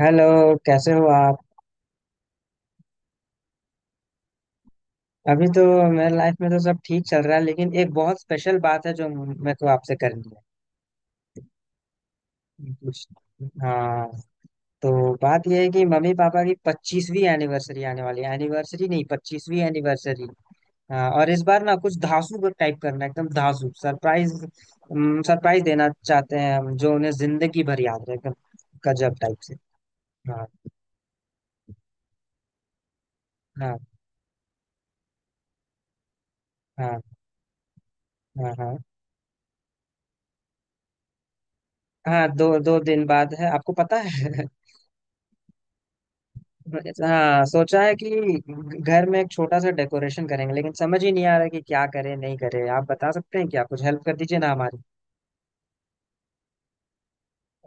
Hello. कैसे हो आप। अभी तो मेरे लाइफ में तो सब ठीक चल रहा है लेकिन एक बहुत स्पेशल बात है जो मेरे को आपसे करनी है कुछ। हाँ तो बात यह है कि मम्मी पापा की 25वीं एनिवर्सरी आने वाली है। एनिवर्सरी नहीं, 25वीं एनिवर्सरी। हाँ और इस बार ना कुछ धांसू टाइप करना है, एकदम धांसू सरप्राइज। सरप्राइज देना चाहते हैं हम जो उन्हें जिंदगी भर याद रहे, एकदम गजब टाइप से। हाँ हाँ हाँ हाँ हाँ। हाँ दो दो दिन बाद है, आपको पता है। अच्छा, हाँ सोचा है कि घर में एक छोटा सा डेकोरेशन करेंगे लेकिन समझ ही नहीं आ रहा कि क्या करें नहीं करें। आप बता सकते हैं क्या, कुछ हेल्प कर दीजिए ना हमारी।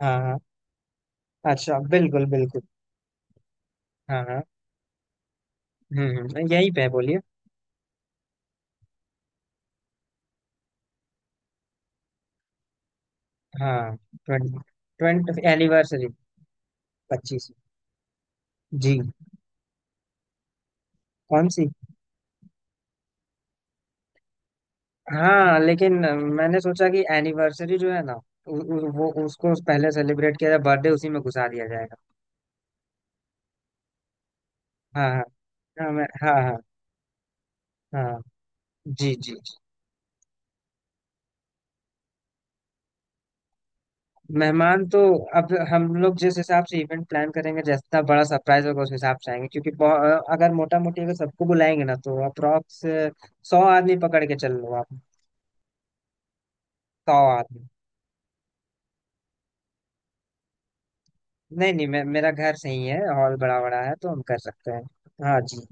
हाँ हाँ। अच्छा बिल्कुल बिल्कुल। हाँ हाँ। यहीं पे है, बोलिए। हाँ ट्वेंटी ट्वेंटी एनिवर्सरी। 25। जी। कौन सी। हाँ लेकिन मैंने सोचा कि एनिवर्सरी जो है ना, उ, उ, वो उसको पहले सेलिब्रेट किया जाए, बर्थडे उसी में घुसा दिया जाएगा। हाँ हाँ। हाँ मैं हाँ हाँ। हाँ जी जी। मेहमान तो अब हम लोग जिस हिसाब से इवेंट प्लान करेंगे, जितना बड़ा सरप्राइज होगा उस हिसाब से आएंगे क्योंकि अगर मोटा मोटी अगर सबको बुलाएंगे ना तो अप्रोक्स 100 आदमी पकड़ के चल लो आप। 100 आदमी। नहीं नहीं, मैं मेरा घर सही है, हॉल बड़ा बड़ा है तो हम कर सकते हैं। हाँ जी।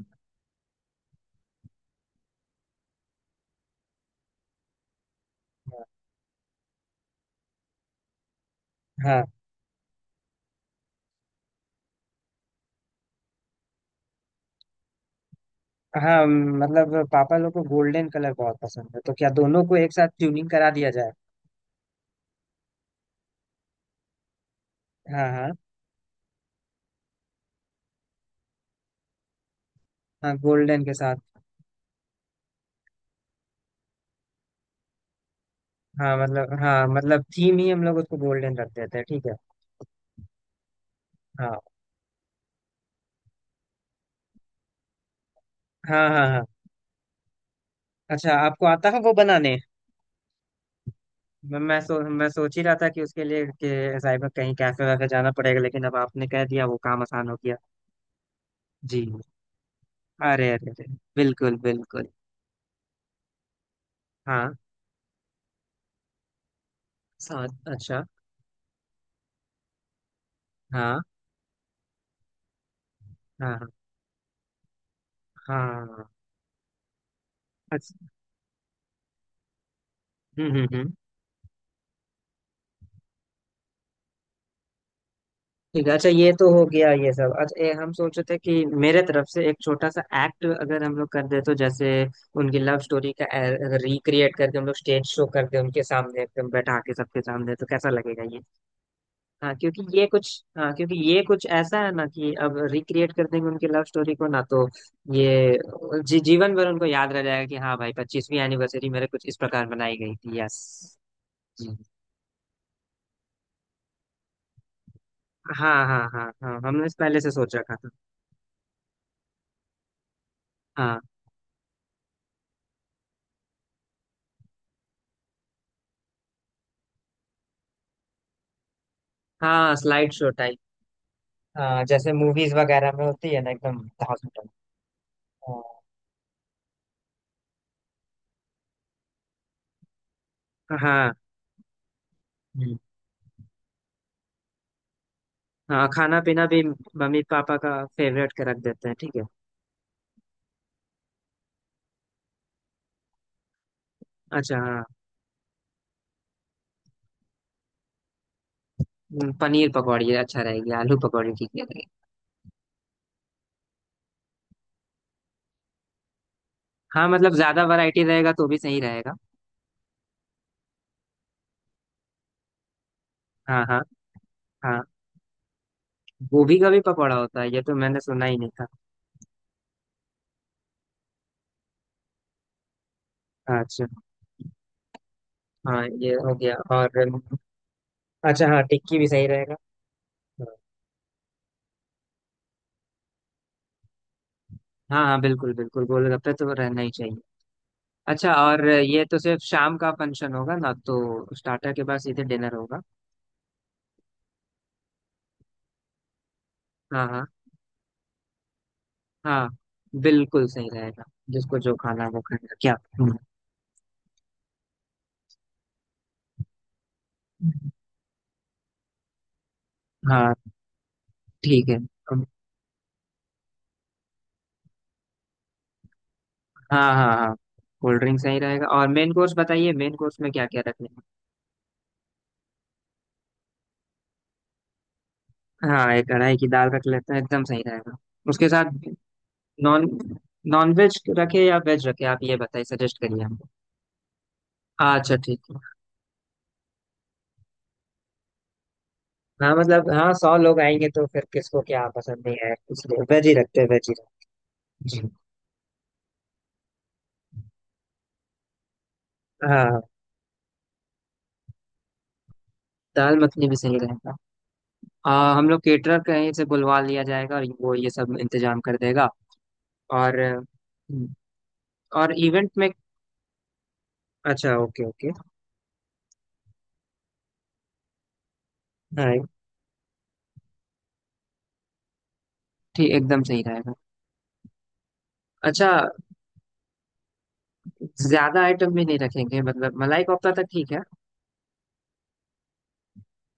हाँ हाँ मतलब पापा लोग को गोल्डन कलर बहुत पसंद है, तो क्या दोनों को एक साथ ट्यूनिंग करा दिया जाए। हाँ हाँ। हाँ गोल्डन के साथ। हाँ मतलब थीम ही हम लोग उसको गोल्डन रख देते हैं, ठीक है। हाँ हाँ हाँ हाँ। अच्छा आपको आता है वो बनाने। मैं सोच ही रहा था कि उसके लिए कि साइबर कहीं कैफे वैफे जाना पड़ेगा, लेकिन अब आपने कह दिया वो काम आसान हो गया। जी। अरे अरे अरे। बिल्कुल बिल्कुल। हाँ। साथ, अच्छा। हाँ हाँ हाँ। अच्छा। हम्म। ठीक है, अच्छा ये तो हो गया ये सब। अच्छा, ये हम सोचे थे कि मेरे तरफ से एक छोटा सा एक्ट अगर हम लोग कर दे तो जैसे उनकी लव स्टोरी का रिक्रिएट करके हम लोग स्टेज शो कर दे उनके सामने, एकदम बैठा के सबके सामने, तो कैसा लगेगा ये। हाँ क्योंकि ये कुछ। हाँ क्योंकि ये कुछ ऐसा है ना, कि अब रिक्रिएट कर देंगे उनकी लव स्टोरी को ना तो ये जी, जीवन भर उनको याद रह जाएगा कि हाँ भाई 25वीं एनिवर्सरी मेरे कुछ इस प्रकार मनाई गई थी, यस। जी हाँ हाँ हाँ हाँ हमने इस पहले से सोच रखा था। हाँ हाँ स्लाइड शो टाइप। हाँ जैसे मूवीज वगैरह में होती है ना एकदम। हॉस्पिटल। हाँ हाँ। हम्म, हाँ खाना पीना भी मम्मी पापा का फेवरेट का रख देते हैं, ठीक है। अच्छा हाँ। पनीर पकौड़ी अच्छा रहेगी, आलू पकौड़ी ठीक है। हाँ मतलब ज्यादा वैरायटी रहेगा तो भी सही रहेगा। हाँ हाँ। हाँ गोभी का भी पकौड़ा होता है, ये तो मैंने सुना ही नहीं था। अच्छा। हाँ ये हो गया, और। अच्छा हाँ, टिक्की भी सही रहेगा। हाँ हाँ बिल्कुल बिल्कुल, गोलगप्पे तो रहना ही चाहिए। अच्छा, और ये तो सिर्फ शाम का फंक्शन होगा ना, तो स्टार्टर के बाद सीधे डिनर होगा। हाँ हाँ। हाँ बिल्कुल सही रहेगा, जिसको जो खाना है वो खाएगा क्या। हाँ ठीक है। हाँ हाँ हाँ कोल्ड ड्रिंक सही रहेगा, और मेन कोर्स बताइए, मेन कोर्स में क्या क्या रखें। हाँ एक कढ़ाई की दाल रख लेते हैं, एकदम सही रहेगा। उसके साथ नॉन नॉन वेज रखे या वेज रखे, आप ये बताइए, सजेस्ट करिए हमको। अच्छा ठीक है। हाँ मतलब हाँ, 100 लोग आएंगे तो फिर किसको क्या पसंद नहीं है, इसलिए वेज ही रखते हैं, वेज ही रखते हैं। जी। हाँ। दाल मखनी भी सही रहेगा। हम लोग केटरर कहीं से बुलवा लिया जाएगा और वो ये सब इंतजाम कर देगा। और हम्म, और इवेंट में, अच्छा, ओके ओके। हाँ ठीक, एकदम सही रहेगा। अच्छा, ज्यादा आइटम भी नहीं रखेंगे, मतलब मलाई कोफ्ता तक ठीक है।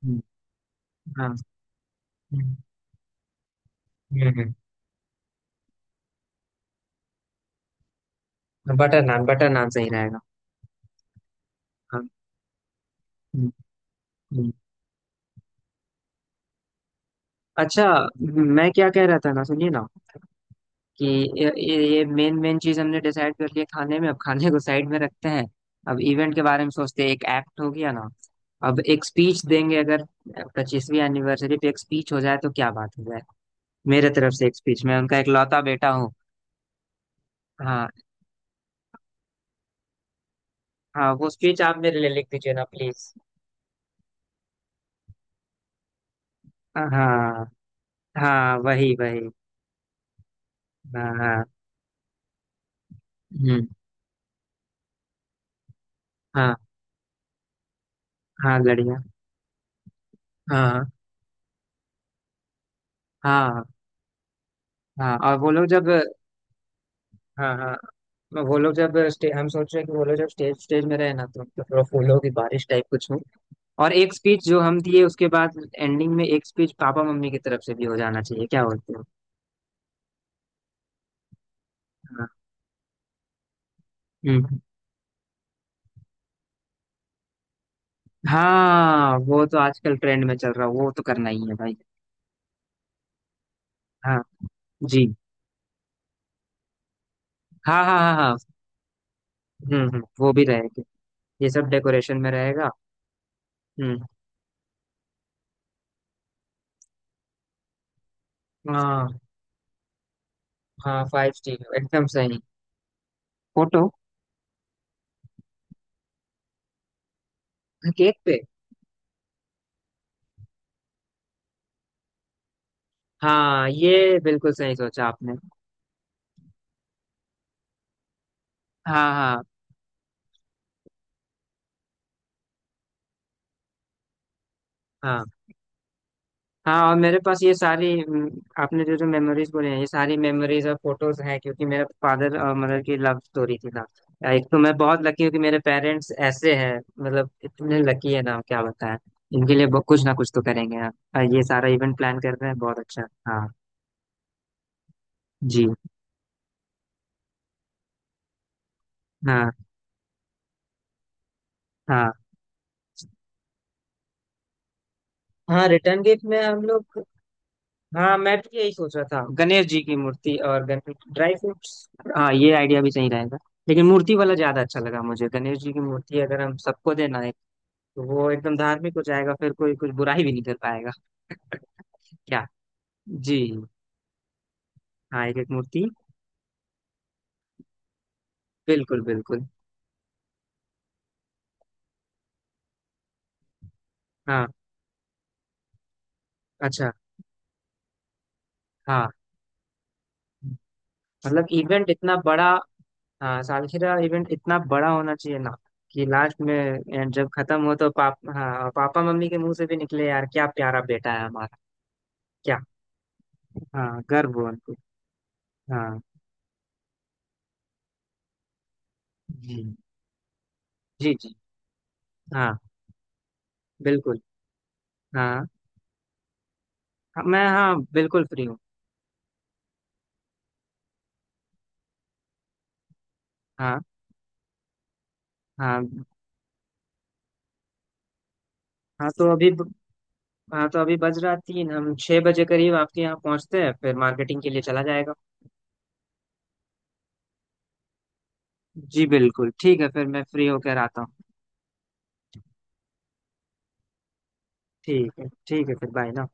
हुँ, हाँ, हुँ, हुँ, हुँ, बटर नान सही रहेगा। हाँ हुँ, हुँ। अच्छा, मैं क्या कह रहा था ना, सुनिए ना, कि ये ये मेन मेन चीज हमने डिसाइड कर लिया खाने में, अब खाने को साइड में रखते हैं। अब इवेंट के बारे में सोचते हैं, एक एक्ट हो गया ना। अब एक स्पीच देंगे, अगर 25वीं एनिवर्सरी पे एक स्पीच हो जाए तो क्या बात हो जाए। मेरे तरफ से एक स्पीच, मैं उनका इकलौता बेटा हूँ। हाँ हाँ वो स्पीच आप मेरे लिए लिख दीजिए ना प्लीज। हाँ हाँ वही वही। हाँ हाँ। हम्म। हाँ हाँ लड़ियाँ। हाँ हाँ हाँ, और वो लोग जब, हाँ हाँ वो लोग जब स्टे हम सोच रहे हैं कि वो लोग जब स्टेज स्टेज में रहे ना, तो थोड़ा फूलों की बारिश टाइप कुछ हो। और एक स्पीच जो हम दिए, उसके बाद एंडिंग में एक स्पीच पापा मम्मी की तरफ से भी हो जाना चाहिए, क्या बोलते हो। हाँ हम्म। हाँ वो तो आजकल ट्रेंड में चल रहा, वो तो करना ही है भाई। हाँ। जी। हाँ हाँ हाँ हाँ। वो भी रहेगा। ये सब डेकोरेशन में रहेगा। हम्म। हाँ हाँ, 5 स्टीरियो एकदम सही। फोटो। केक पे। हाँ ये बिल्कुल सही सोचा आपने। हाँ हाँ हाँ हाँ, और मेरे पास ये सारी आपने जो जो मेमोरीज बोले हैं ये सारी मेमोरीज और फोटोज हैं, क्योंकि मेरे फादर और मदर की लव स्टोरी थी ना। एक तो मैं बहुत लकी हूँ कि मेरे पेरेंट्स ऐसे हैं, मतलब इतने लकी है ना, क्या बताएं। इनके लिए कुछ ना कुछ तो करेंगे आप। हाँ, ये सारा इवेंट प्लान कर रहे हैं, बहुत अच्छा हाँ। जी। हाँ हाँ हाँ रिटर्न गिफ्ट में हम लोग। हाँ मैं भी यही सोच रहा था, गणेश जी की मूर्ति और गणेश ड्राई फ्रूट्स। हाँ ये आइडिया भी सही रहेगा, लेकिन मूर्ति वाला ज्यादा अच्छा लगा मुझे। गणेश जी की मूर्ति अगर हम सबको देना है तो वो एकदम धार्मिक हो जाएगा, फिर कोई कुछ बुराई भी नहीं कर पाएगा। क्या। जी। हाँ एक एक मूर्ति। बिल्कुल बिल्कुल। हाँ। अच्छा। हाँ मतलब इवेंट इतना बड़ा। हाँ सालगिरह, इवेंट इतना बड़ा होना चाहिए ना कि लास्ट में जब खत्म हो तो पाप हाँ पापा मम्मी के मुंह से भी निकले यार क्या प्यारा बेटा है हमारा। क्या। हाँ, गर्व हो उनको। हाँ। जी जी। जी। हाँ बिल्कुल। हाँ हाँ, मैं हाँ बिल्कुल फ्री हूँ। हाँ। हाँ हाँ तो अभी हाँ तो अभी बज रहा 3, हम 6 बजे करीब आपके यहाँ पहुँचते हैं, फिर मार्केटिंग के लिए चला जाएगा। जी बिल्कुल ठीक है, फिर मैं फ्री होकर आता हूँ। ठीक है ठीक है, फिर बाय ना।